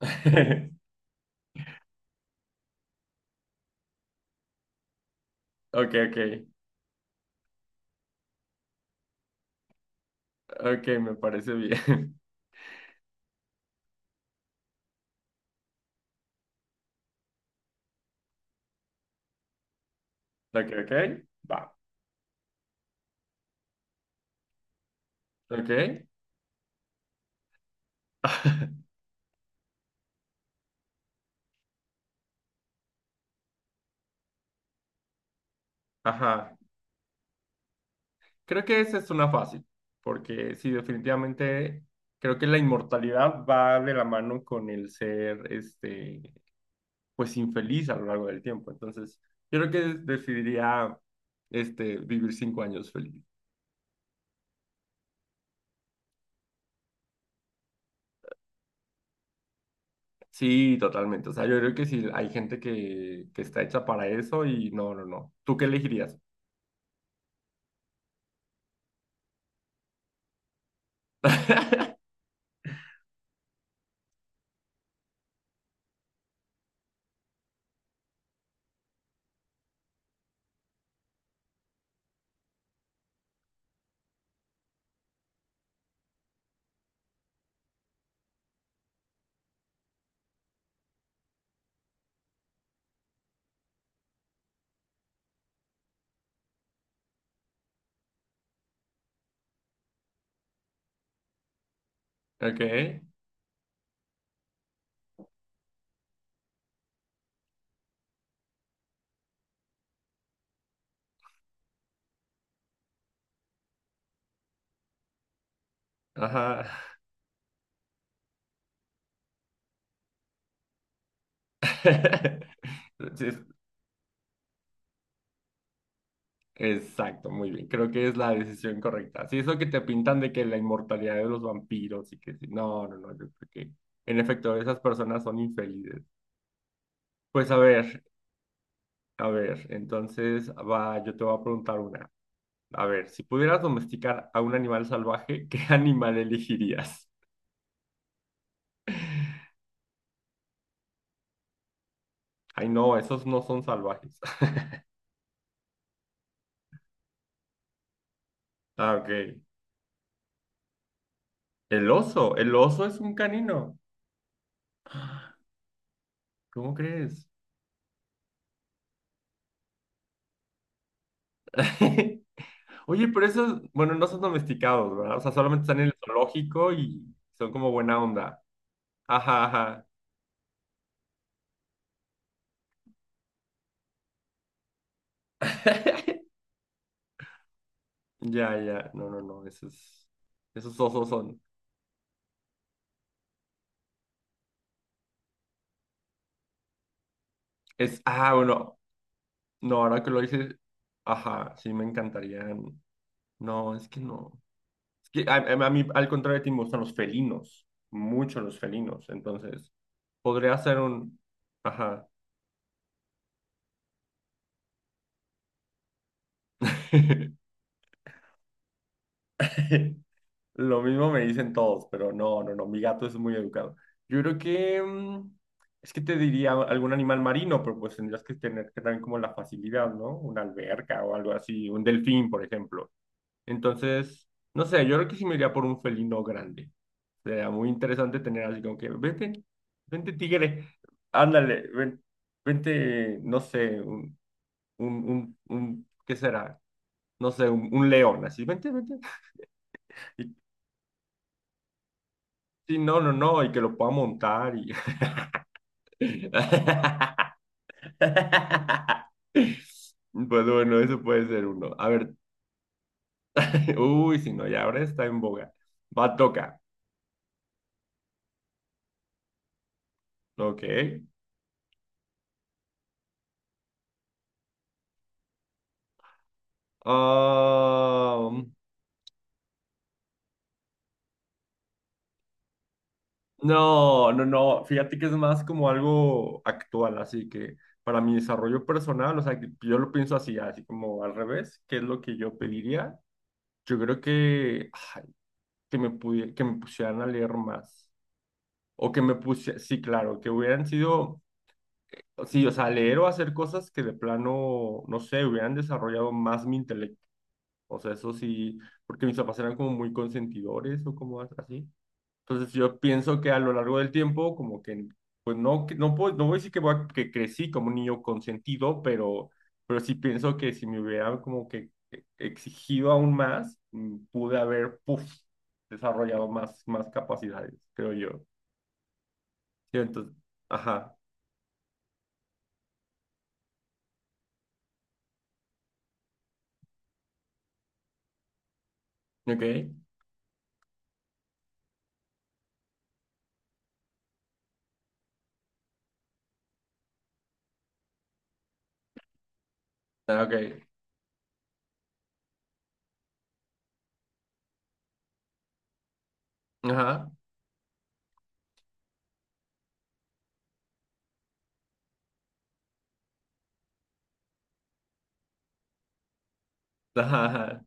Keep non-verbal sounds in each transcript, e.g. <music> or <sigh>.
<laughs> Ok, ok, ok, me parece bien. <laughs> Ok, ok, va. Ok. <laughs> Ajá. Creo que esa es una fácil, porque sí, definitivamente creo que la inmortalidad va de la mano con el ser, pues infeliz a lo largo del tiempo. Entonces, yo creo que decidiría, vivir 5 años feliz. Sí, totalmente. O sea, yo creo que sí, hay gente que está hecha para eso y no, no, no. ¿Tú qué elegirías? <laughs> Ok. Ajá. <laughs> Sí, exacto, muy bien. Creo que es la decisión correcta. Sí, eso que te pintan de que la inmortalidad de los vampiros y que sí. No, no, no, yo creo que en efecto esas personas son infelices. Pues a ver, entonces va, yo te voy a preguntar una. A ver, si pudieras domesticar a un animal salvaje, ¿qué <laughs> animal elegirías? Ay, no, esos no son salvajes. <laughs> Ah, ok. El oso es un canino. ¿Cómo crees? <laughs> Oye, pero esos, bueno, no son domesticados, ¿verdad? O sea, solamente están en el zoológico y son como buena onda. Ajá, ajá. <laughs> Ya, ya. No, no, no. Esos osos son. Ah, bueno. No, ahora que lo dices, ajá, sí me encantarían. No, es que no. Es que a mí, al contrario de ti, me gustan los felinos. Mucho los felinos. Entonces, podría ser un. Ajá. <laughs> Lo mismo me dicen todos, pero no, no, no, mi gato es muy educado. Yo creo que es que te diría algún animal marino, pero pues tendrías que tener que también como la facilidad, ¿no? Una alberca o algo así, un delfín, por ejemplo. Entonces, no sé, yo creo que sí me iría por un felino grande. Sería muy interesante tener así como que, vente, vente tigre, ándale, vente, no sé, ¿qué será? No sé, un león, así, vente, vente. <laughs> Sí, no, no, no, y que lo pueda montar y... <laughs> Pues bueno, eso puede ser uno. A ver, <laughs> uy, si no, ya ahora está en boga. Va, toca. Ok. Ah, no, no, no. Fíjate que es más como algo actual, así que para mi desarrollo personal, o sea, que yo lo pienso así, así como al revés, ¿qué es lo que yo pediría? Yo creo que, ay, que me pusieran a leer más. O que me puse, sí, claro, que hubieran sido, sí, o sea, leer o hacer cosas que de plano, no sé, hubieran desarrollado más mi intelecto. O sea, eso sí, porque mis papás eran como muy consentidores o como así. Entonces yo pienso que a lo largo del tiempo, como que, pues no, no puedo, no voy a decir que, que crecí como un niño consentido, pero sí pienso que si me hubieran como que exigido aún más, pude haber, puf, desarrollado más capacidades, creo yo. Sí, entonces, ajá. Ok, ah, ok, ajá, ajá, ajá.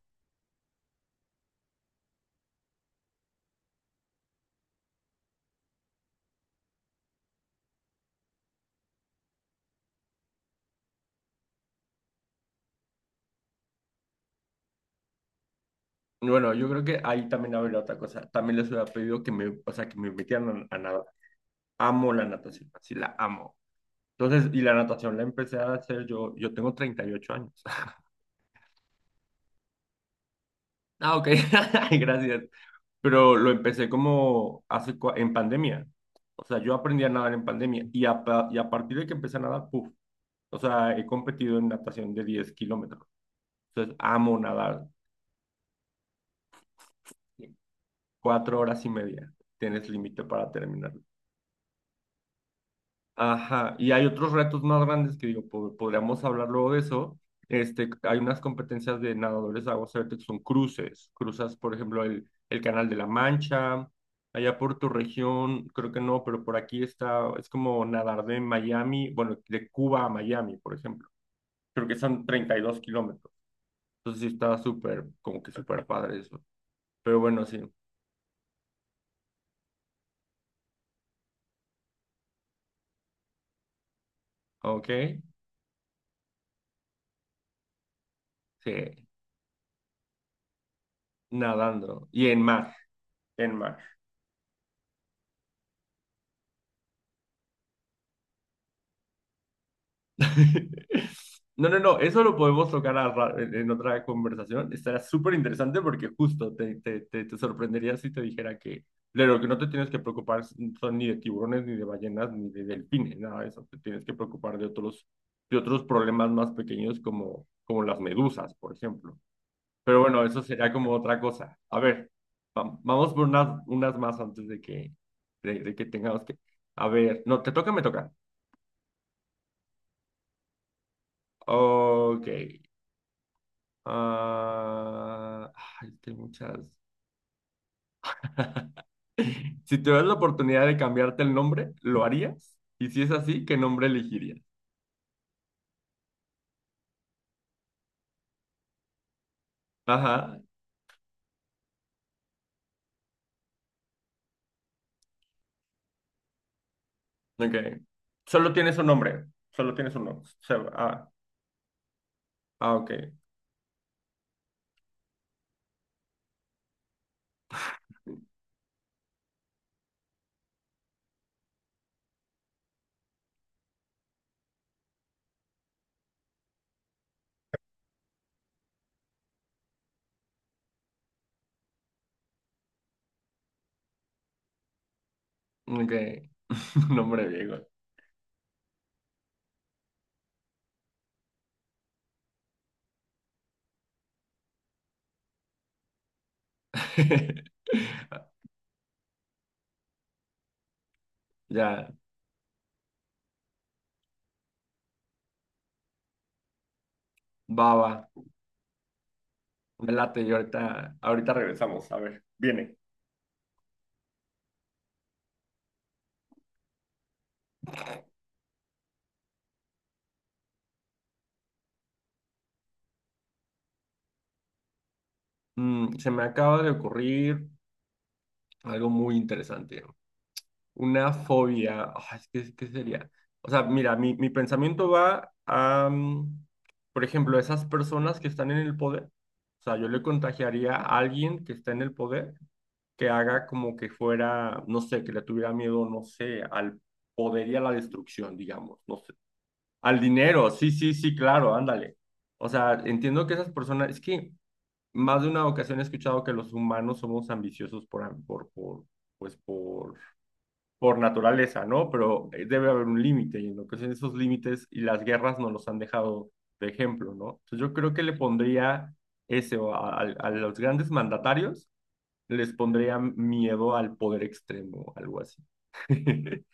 Bueno, yo creo que ahí también habría otra cosa. También les hubiera pedido que me, o sea, que me metieran a, nadar. Amo la natación, así la amo. Entonces, y la natación la empecé a hacer yo, yo tengo 38 años. <laughs> Ah, ok, <laughs> ay, gracias. Pero lo empecé como hace, en pandemia. O sea, yo aprendí a nadar en pandemia y a partir de que empecé a nadar, puf, o sea, he competido en natación de 10 kilómetros. Entonces, amo nadar. 4 horas y media. Tienes límite para terminarlo. Ajá. Y hay otros retos más grandes que digo, podríamos hablar luego de eso. Hay unas competencias de nadadores de aguas abiertas que son cruces. Cruzas, por ejemplo, el Canal de la Mancha. Allá por tu región, creo que no, pero por aquí está, es como nadar de Miami, bueno, de Cuba a Miami, por ejemplo. Creo que son 32 kilómetros. Entonces sí está súper, como que súper padre eso. Pero bueno, sí. Ok. Sí. Nadando. Y en mar. En Mash. <laughs> No, no, no, eso lo podemos tocar en otra conversación. Estará súper interesante porque justo te sorprendería si te dijera que de lo que no te tienes que preocupar son ni de tiburones, ni de ballenas, ni de delfines, nada de eso. Te tienes que preocupar de otros, problemas más pequeños como las medusas, por ejemplo. Pero bueno, eso sería como otra cosa. A ver, vamos por unas más antes de que tengamos que... A ver, no, te toca, o me toca. Ok. Ah, ay, es que hay muchas. <laughs> Si tuvieras la oportunidad de cambiarte el nombre, ¿lo harías? Y si es así, ¿qué nombre elegirías? Ajá, ok. Solo tienes un nombre. Solo tienes un nombre. O sea, ah, ah, ok. Ok. <laughs> Nombre viejo. <laughs> Ya, baba. Me late y ahorita, ahorita regresamos. A ver, viene. Se me acaba de ocurrir algo muy interesante. Una fobia. Ah, es que, ¿qué sería? O sea, mira, mi pensamiento va a, por ejemplo, esas personas que están en el poder. O sea, yo le contagiaría a alguien que está en el poder que haga como que fuera, no sé, que le tuviera miedo, no sé, al poder y a la destrucción, digamos, no sé. Al dinero, sí, sí, sí, claro, ándale. O sea, entiendo que esas personas, es que más de una ocasión he escuchado que los humanos somos ambiciosos por, am- por, pues por naturaleza, ¿no? Pero debe haber un límite y en lo que son esos límites y las guerras nos los han dejado de ejemplo, ¿no? Entonces yo creo que le pondría ese o a, a los grandes mandatarios, les pondría miedo al poder extremo, algo así. <laughs>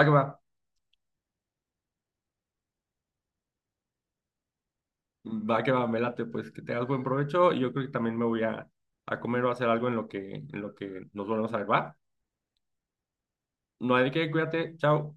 Va que va, va que va, me late, pues que tengas buen provecho y yo creo que también me voy a, comer o a hacer algo en lo que nos volvemos a ver, ¿va? No hay de qué, cuídate, chao.